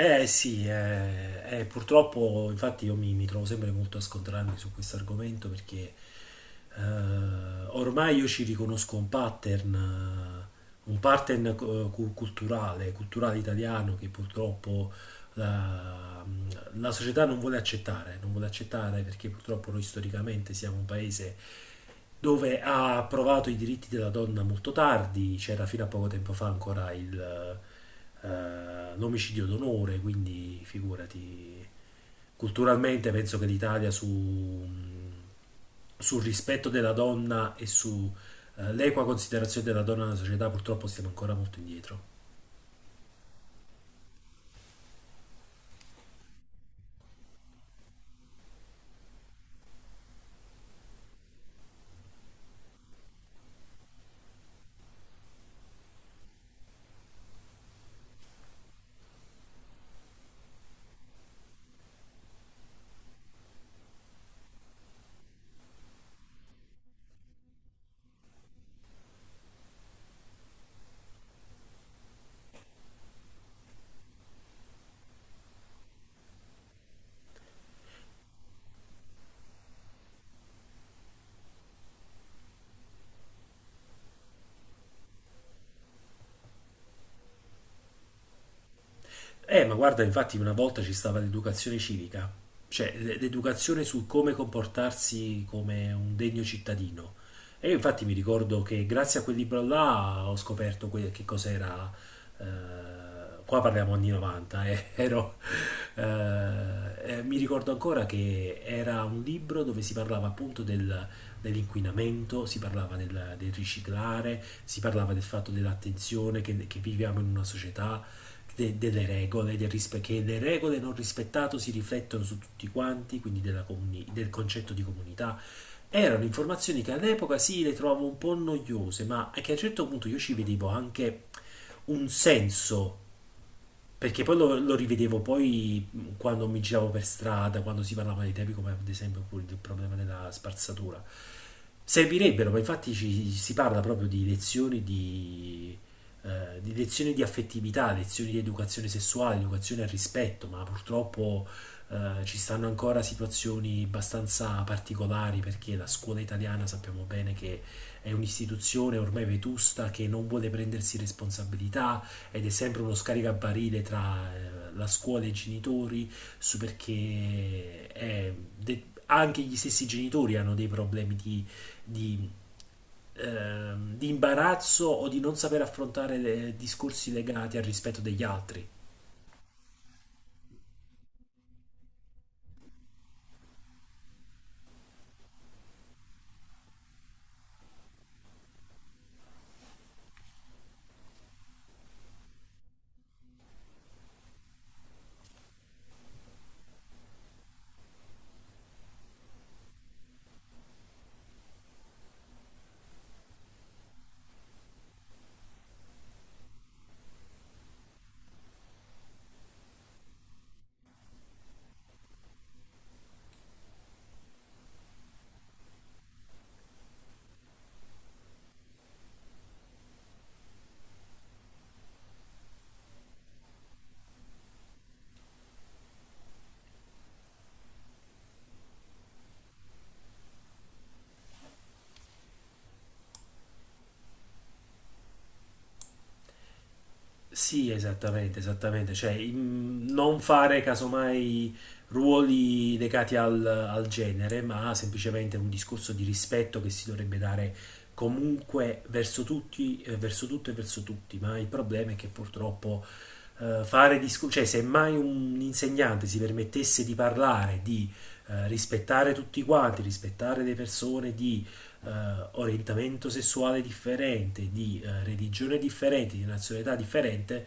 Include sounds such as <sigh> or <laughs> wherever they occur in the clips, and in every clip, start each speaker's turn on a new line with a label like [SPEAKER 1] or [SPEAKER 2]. [SPEAKER 1] Sì, Purtroppo infatti io mi trovo sempre molto a scontrarmi su questo argomento perché eh, ormai io ci riconosco un pattern culturale, culturale italiano che purtroppo la, la società non vuole accettare, non vuole accettare perché purtroppo noi storicamente siamo un paese dove ha approvato i diritti della donna molto tardi, c'era fino a poco tempo fa ancora il l'omicidio d'onore, quindi figurati, culturalmente penso che l'Italia sul rispetto della donna e sull'equa considerazione della donna nella società purtroppo stiamo ancora molto indietro. Ma guarda, infatti una volta ci stava l'educazione civica, cioè l'educazione su come comportarsi come un degno cittadino. E io infatti mi ricordo che grazie a quel libro là ho scoperto che cos'era, qua parliamo anni 90, <laughs> mi ricordo ancora che era un libro dove si parlava appunto dell'inquinamento, si parlava del riciclare, si parlava del fatto dell'attenzione che viviamo in una società delle regole, del che le regole non rispettate si riflettono su tutti quanti, quindi della del concetto di comunità. Erano informazioni che all'epoca sì le trovavo un po' noiose, ma che a un certo punto io ci vedevo anche un senso perché lo rivedevo poi quando mi giravo per strada, quando si parlava dei temi come ad esempio pure del problema della spazzatura. Servirebbero, ma infatti si parla proprio di lezioni di lezioni di affettività, lezioni di educazione sessuale, educazione al rispetto, ma purtroppo ci stanno ancora situazioni abbastanza particolari perché la scuola italiana sappiamo bene che è un'istituzione ormai vetusta che non vuole prendersi responsabilità ed è sempre uno scaricabarile tra la scuola e i genitori, su perché è anche gli stessi genitori hanno dei problemi di, di imbarazzo o di non saper affrontare discorsi legati al rispetto degli altri. Sì, esattamente, esattamente. Cioè, non fare casomai ruoli legati al genere, ma semplicemente un discorso di rispetto che si dovrebbe dare comunque verso tutti, verso tutto e verso tutti. Ma il problema è che purtroppo fare discorsi, cioè, se mai un insegnante si permettesse di parlare, di rispettare tutti quanti, rispettare le persone, di eh, orientamento sessuale differente, di religione differente, di nazionalità differente,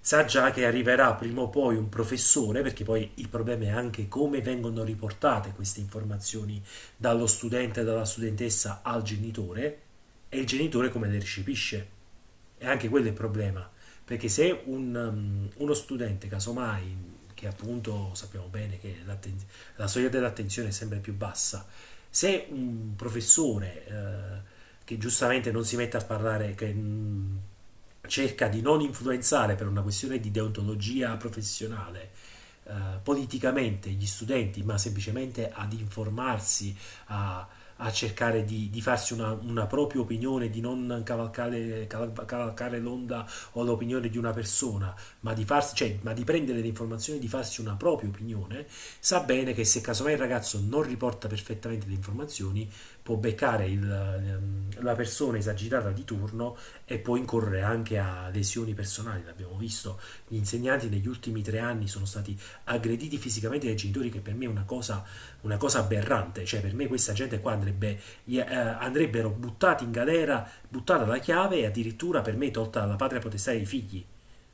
[SPEAKER 1] sa già che arriverà prima o poi un professore, perché poi il problema è anche come vengono riportate queste informazioni dallo studente, dalla studentessa al genitore, e il genitore come le recepisce. E anche quello è il problema, perché se un, um, uno studente, casomai, che appunto sappiamo bene che la soglia dell'attenzione è sempre più bassa, se un professore che giustamente non si mette a parlare, cerca di non influenzare per una questione di deontologia professionale, eh, politicamente gli studenti, ma semplicemente ad informarsi, a a cercare di farsi una propria opinione, di non cavalcare, cavalcare l'onda o l'opinione di una persona, ma farsi, cioè, ma di prendere le informazioni, di farsi una propria opinione, sa bene che se casomai il ragazzo non riporta perfettamente le informazioni, può beccare la persona esagitata di turno e può incorrere anche a lesioni personali. L'abbiamo visto, gli insegnanti negli ultimi tre anni sono stati aggrediti fisicamente dai genitori, che per me è una cosa aberrante, cioè per me questa gente qua andrebbe, andrebbero buttati in galera, buttata la chiave e addirittura per me tolta la patria potestà dei figli.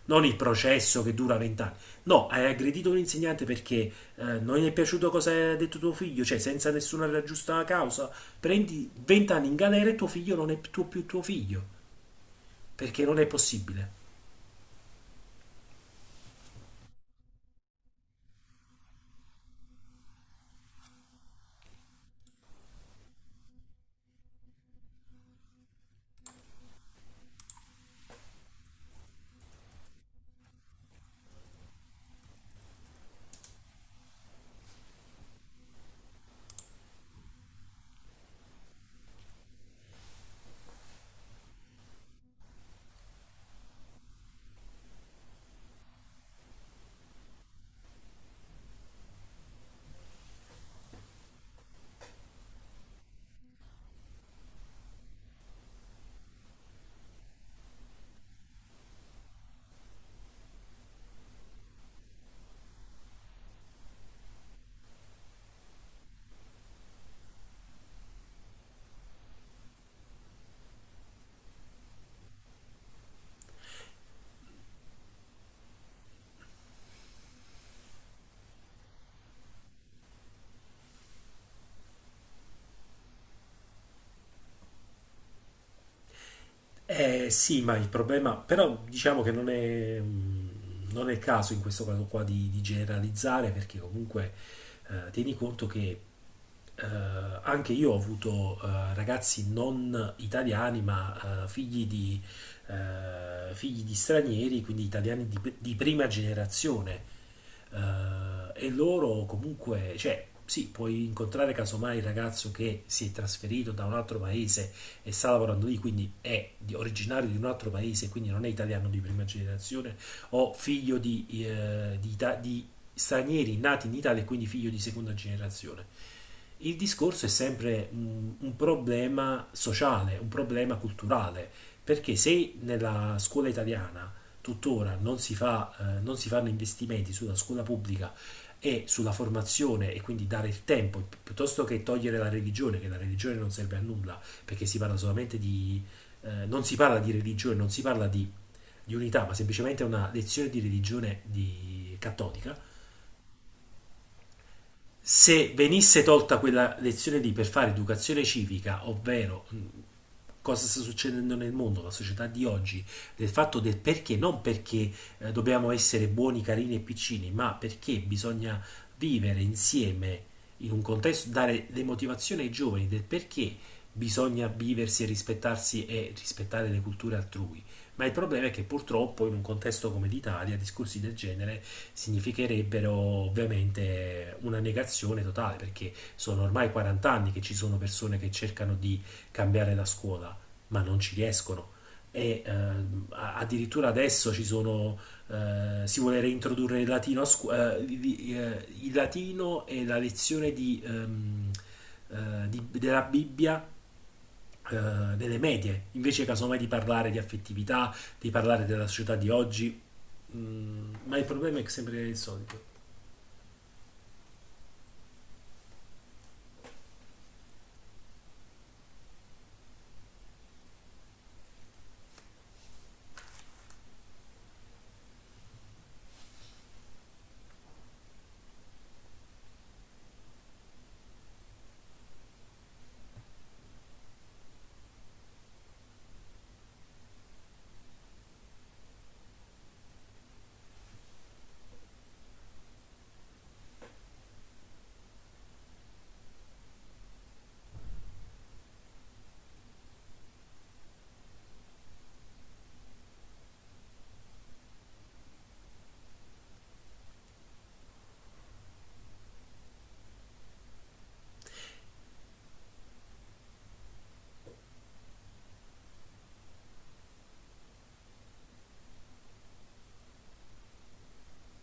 [SPEAKER 1] Non il processo che dura vent'anni. No, hai aggredito un insegnante perché non gli è piaciuto cosa ha detto tuo figlio, cioè senza nessuna giusta causa. Prendi vent'anni in galera e tuo figlio non è più tuo figlio, perché non è possibile. Eh sì, ma il problema, però diciamo che non è, non è il caso in questo caso qua di generalizzare perché comunque tieni conto che eh, anche io ho avuto ragazzi non italiani ma figli figli di stranieri, quindi italiani di prima generazione. E loro comunque, cioè, sì, puoi incontrare casomai il ragazzo che si è trasferito da un altro paese e sta lavorando lì, quindi è originario di un altro paese, quindi non è italiano di prima generazione, o figlio di stranieri nati in Italia e quindi figlio di seconda generazione. Il discorso è sempre un problema sociale, un problema culturale, perché se nella scuola italiana tuttora non si fa, non si fanno investimenti sulla scuola pubblica e sulla formazione e quindi dare il tempo, piuttosto che togliere la religione, che la religione non serve a nulla, perché si parla solamente di... non si parla di religione, non si parla di unità, ma semplicemente una lezione di religione cattolica, se venisse tolta quella lezione lì per fare educazione civica, ovvero cosa sta succedendo nel mondo, la società di oggi, del fatto del perché, non perché dobbiamo essere buoni, carini e piccini, ma perché bisogna vivere insieme in un contesto, dare le motivazioni ai giovani del perché bisogna viversi e rispettarsi e rispettare le culture altrui, ma il problema è che purtroppo in un contesto come l'Italia discorsi del genere significherebbero ovviamente una negazione totale, perché sono ormai 40 anni che ci sono persone che cercano di cambiare la scuola, ma non ci riescono. E addirittura adesso ci sono, si vuole reintrodurre il latino, a il latino e la lezione della Bibbia delle medie, invece casomai di parlare di affettività, di parlare della società di oggi, mm, ma il problema è sempre il solito.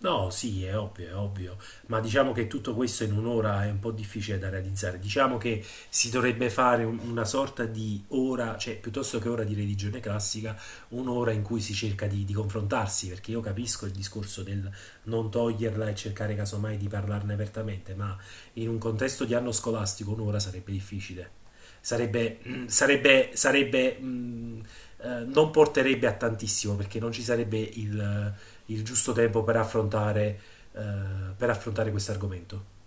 [SPEAKER 1] No, sì, è ovvio, ma diciamo che tutto questo in un'ora è un po' difficile da realizzare. Diciamo che si dovrebbe fare una sorta di ora, cioè piuttosto che ora di religione classica, un'ora in cui si cerca di confrontarsi, perché io capisco il discorso del non toglierla e cercare casomai di parlarne apertamente, ma in un contesto di anno scolastico un'ora sarebbe difficile. Sarebbe, mm, non porterebbe a tantissimo perché non ci sarebbe il giusto tempo eh, per affrontare questo argomento.